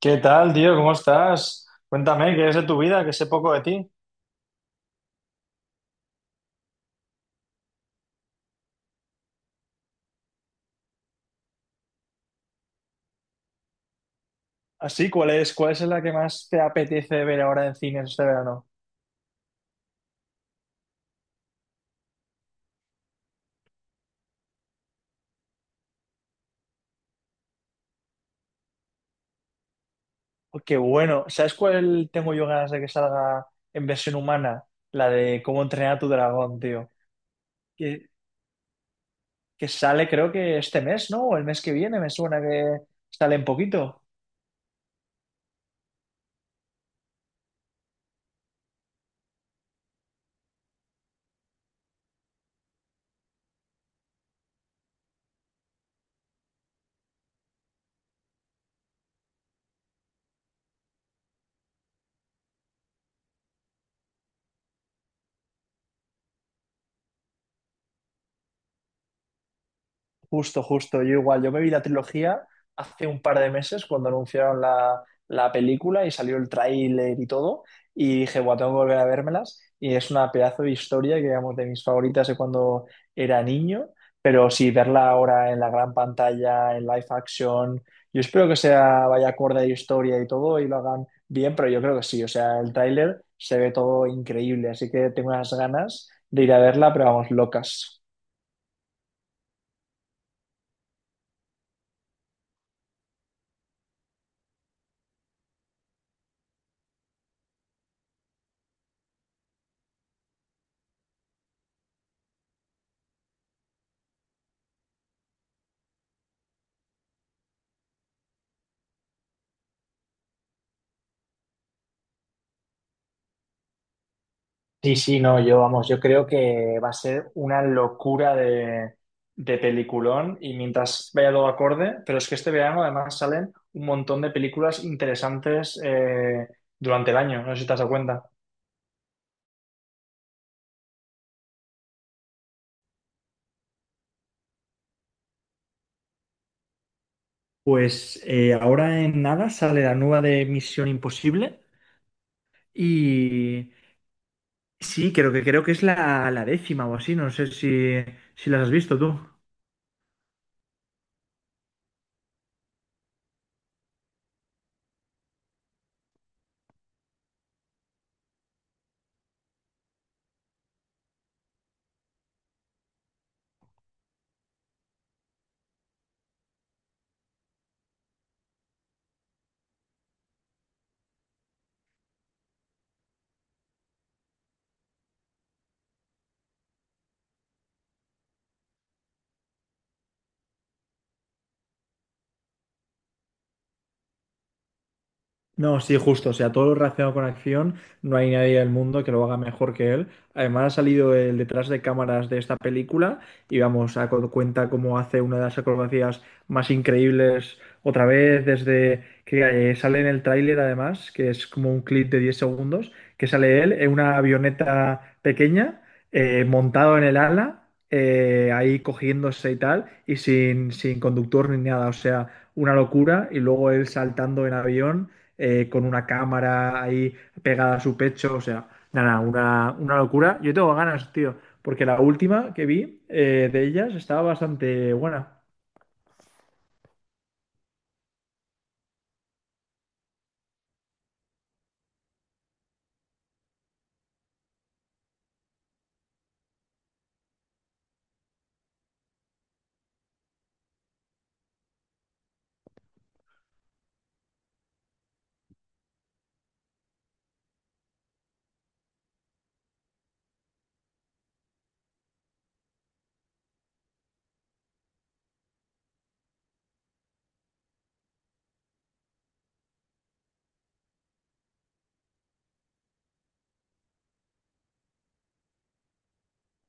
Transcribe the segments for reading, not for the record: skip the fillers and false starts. ¿Qué tal, tío? ¿Cómo estás? Cuéntame, ¿qué es de tu vida? Que sé poco de ti. Así, ¿cuál es la que más te apetece ver ahora en cines este verano? Oh, qué bueno. ¿Sabes cuál tengo yo ganas de que salga en versión humana? La de cómo entrenar a tu dragón, tío. Que, que sale creo que este mes, ¿no? O el mes que viene, me suena que sale en poquito. Justo, justo. Yo igual, yo me vi la trilogía hace un par de meses cuando anunciaron la película y salió el tráiler y todo. Y dije, bueno, tengo que volver a vérmelas. Y es una pedazo de historia que, digamos, de mis favoritas de cuando era niño. Pero sí, verla ahora en la gran pantalla, en live action. Yo espero que sea, vaya acorde a la historia y todo y lo hagan bien, pero yo creo que sí. O sea, el tráiler se ve todo increíble. Así que tengo unas ganas de ir a verla, pero vamos, locas. Sí, sí, no, yo vamos, yo creo que va a ser una locura de peliculón y mientras vaya todo acorde, pero es que este verano además salen un montón de películas interesantes durante el año, no sé si te has dado cuenta. Pues ahora en nada sale la nueva de Misión Imposible. Y sí, creo que es la, la décima o así, no sé si, si las has visto tú. No, sí, justo. O sea, todo lo relacionado con acción, no hay nadie del mundo que lo haga mejor que él. Además, ha salido el detrás de cámaras de esta película y vamos, a cuenta cómo hace una de las acrobacias más increíbles otra vez, desde que sale en el tráiler, además, que es como un clip de 10 segundos, que sale él en una avioneta pequeña, montado en el ala, ahí cogiéndose y tal, y sin conductor ni nada. O sea, una locura. Y luego él saltando en avión con una cámara ahí pegada a su pecho, o sea, nada, una locura. Yo tengo ganas, tío, porque la última que vi de ellas estaba bastante buena.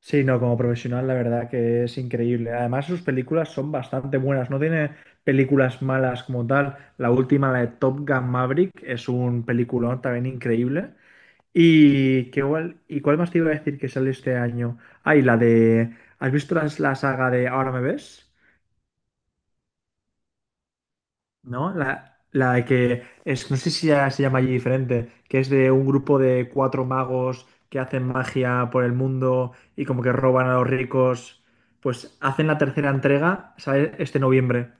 Sí, no, como profesional, la verdad que es increíble. Además, sus películas son bastante buenas, no tiene películas malas como tal. La última, la de Top Gun Maverick, es un peliculón también increíble. ¿Y qué, igual? ¿Y cuál más te iba a decir que sale este año? Ay, la de... ¿Has visto la, la saga de Ahora me ves? ¿No? La que es, no sé si ya se llama allí diferente, que es de un grupo de cuatro magos que hacen magia por el mundo y como que roban a los ricos. Pues hacen la tercera entrega, ¿sabes? Este noviembre.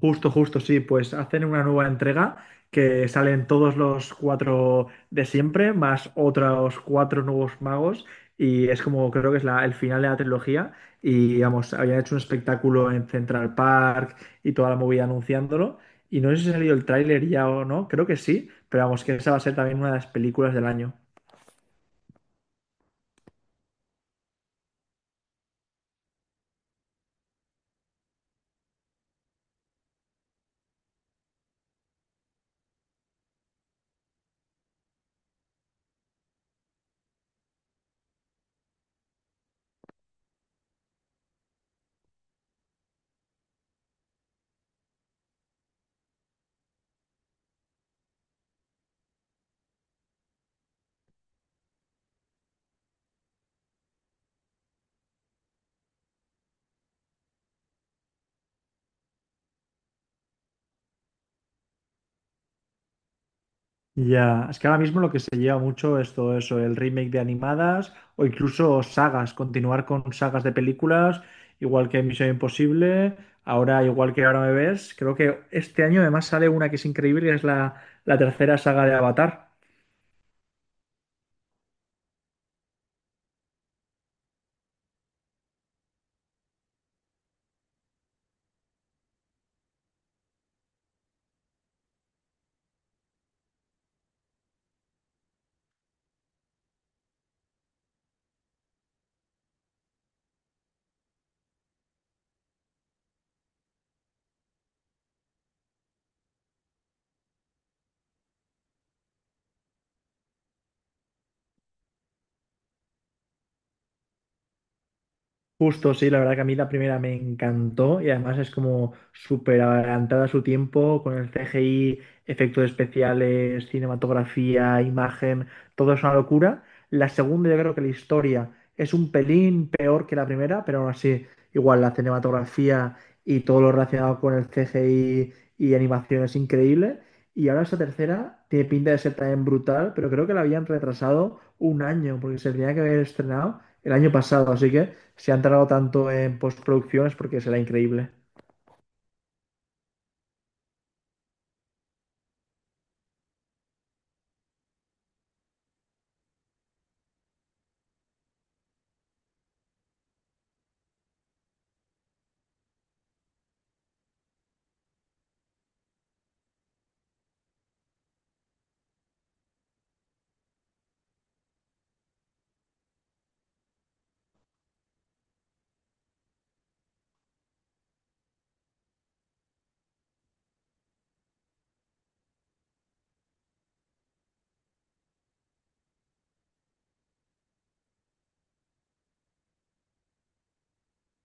Justo, justo, sí, pues hacen una nueva entrega que salen todos los cuatro de siempre, más otros cuatro nuevos magos, y es como creo que es la, el final de la trilogía, y digamos, habían hecho un espectáculo en Central Park y toda la movida anunciándolo, y no sé si ha salido el tráiler ya o no, creo que sí, pero vamos, que esa va a ser también una de las películas del año. Ya, es que ahora mismo lo que se lleva mucho es todo eso, el remake de animadas o incluso sagas, continuar con sagas de películas, igual que Misión Imposible, ahora igual que Ahora me ves, creo que este año además sale una que es increíble, que es la, la tercera saga de Avatar. Justo, sí, la verdad que a mí la primera me encantó y además es como súper adelantada a su tiempo con el CGI, efectos especiales, cinematografía, imagen, todo es una locura. La segunda yo creo que la historia es un pelín peor que la primera, pero aún así igual la cinematografía y todo lo relacionado con el CGI y animación es increíble. Y ahora esta tercera tiene pinta de ser también brutal, pero creo que la habían retrasado un año porque se tenía que haber estrenado el año pasado, así que se han tardado tanto en postproducción es porque será increíble.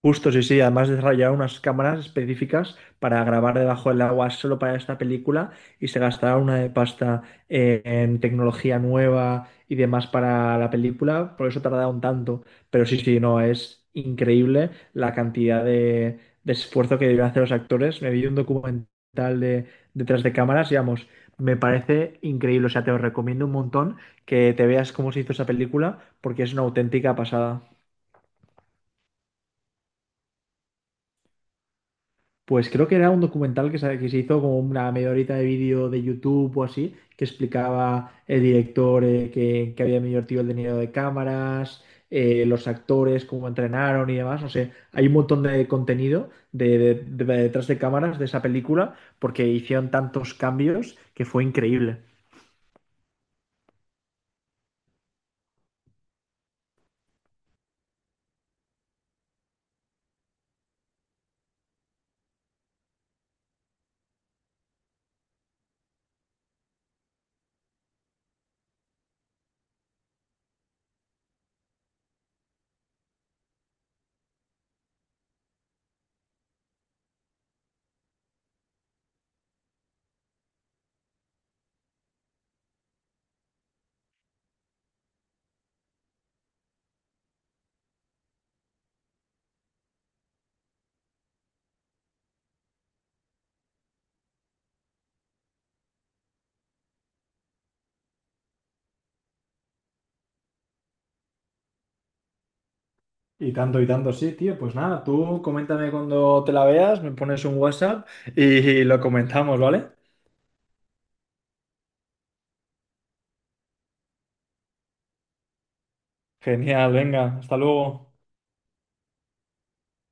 Justo, sí, sí. Además desarrollaron unas cámaras específicas para grabar debajo del agua solo para esta película y se gastaron una de pasta en tecnología nueva y demás para la película, por eso tardaron tanto. Pero sí, sí, no, es increíble la cantidad de esfuerzo que deben hacer los actores. Me vi un documental de detrás de cámaras, digamos, me parece increíble. O sea, te lo recomiendo un montón que te veas cómo se hizo esa película porque es una auténtica pasada. Pues creo que era un documental que se hizo como una media horita de vídeo de YouTube o así, que explicaba el director que había invertido el dinero de cámaras, los actores, cómo entrenaron y demás. No sé, hay un montón de contenido de detrás de cámaras de esa película porque hicieron tantos cambios que fue increíble. Y tanto, sí, tío. Pues nada, tú coméntame cuando te la veas, me pones un WhatsApp y lo comentamos, ¿vale? Genial, venga, hasta luego.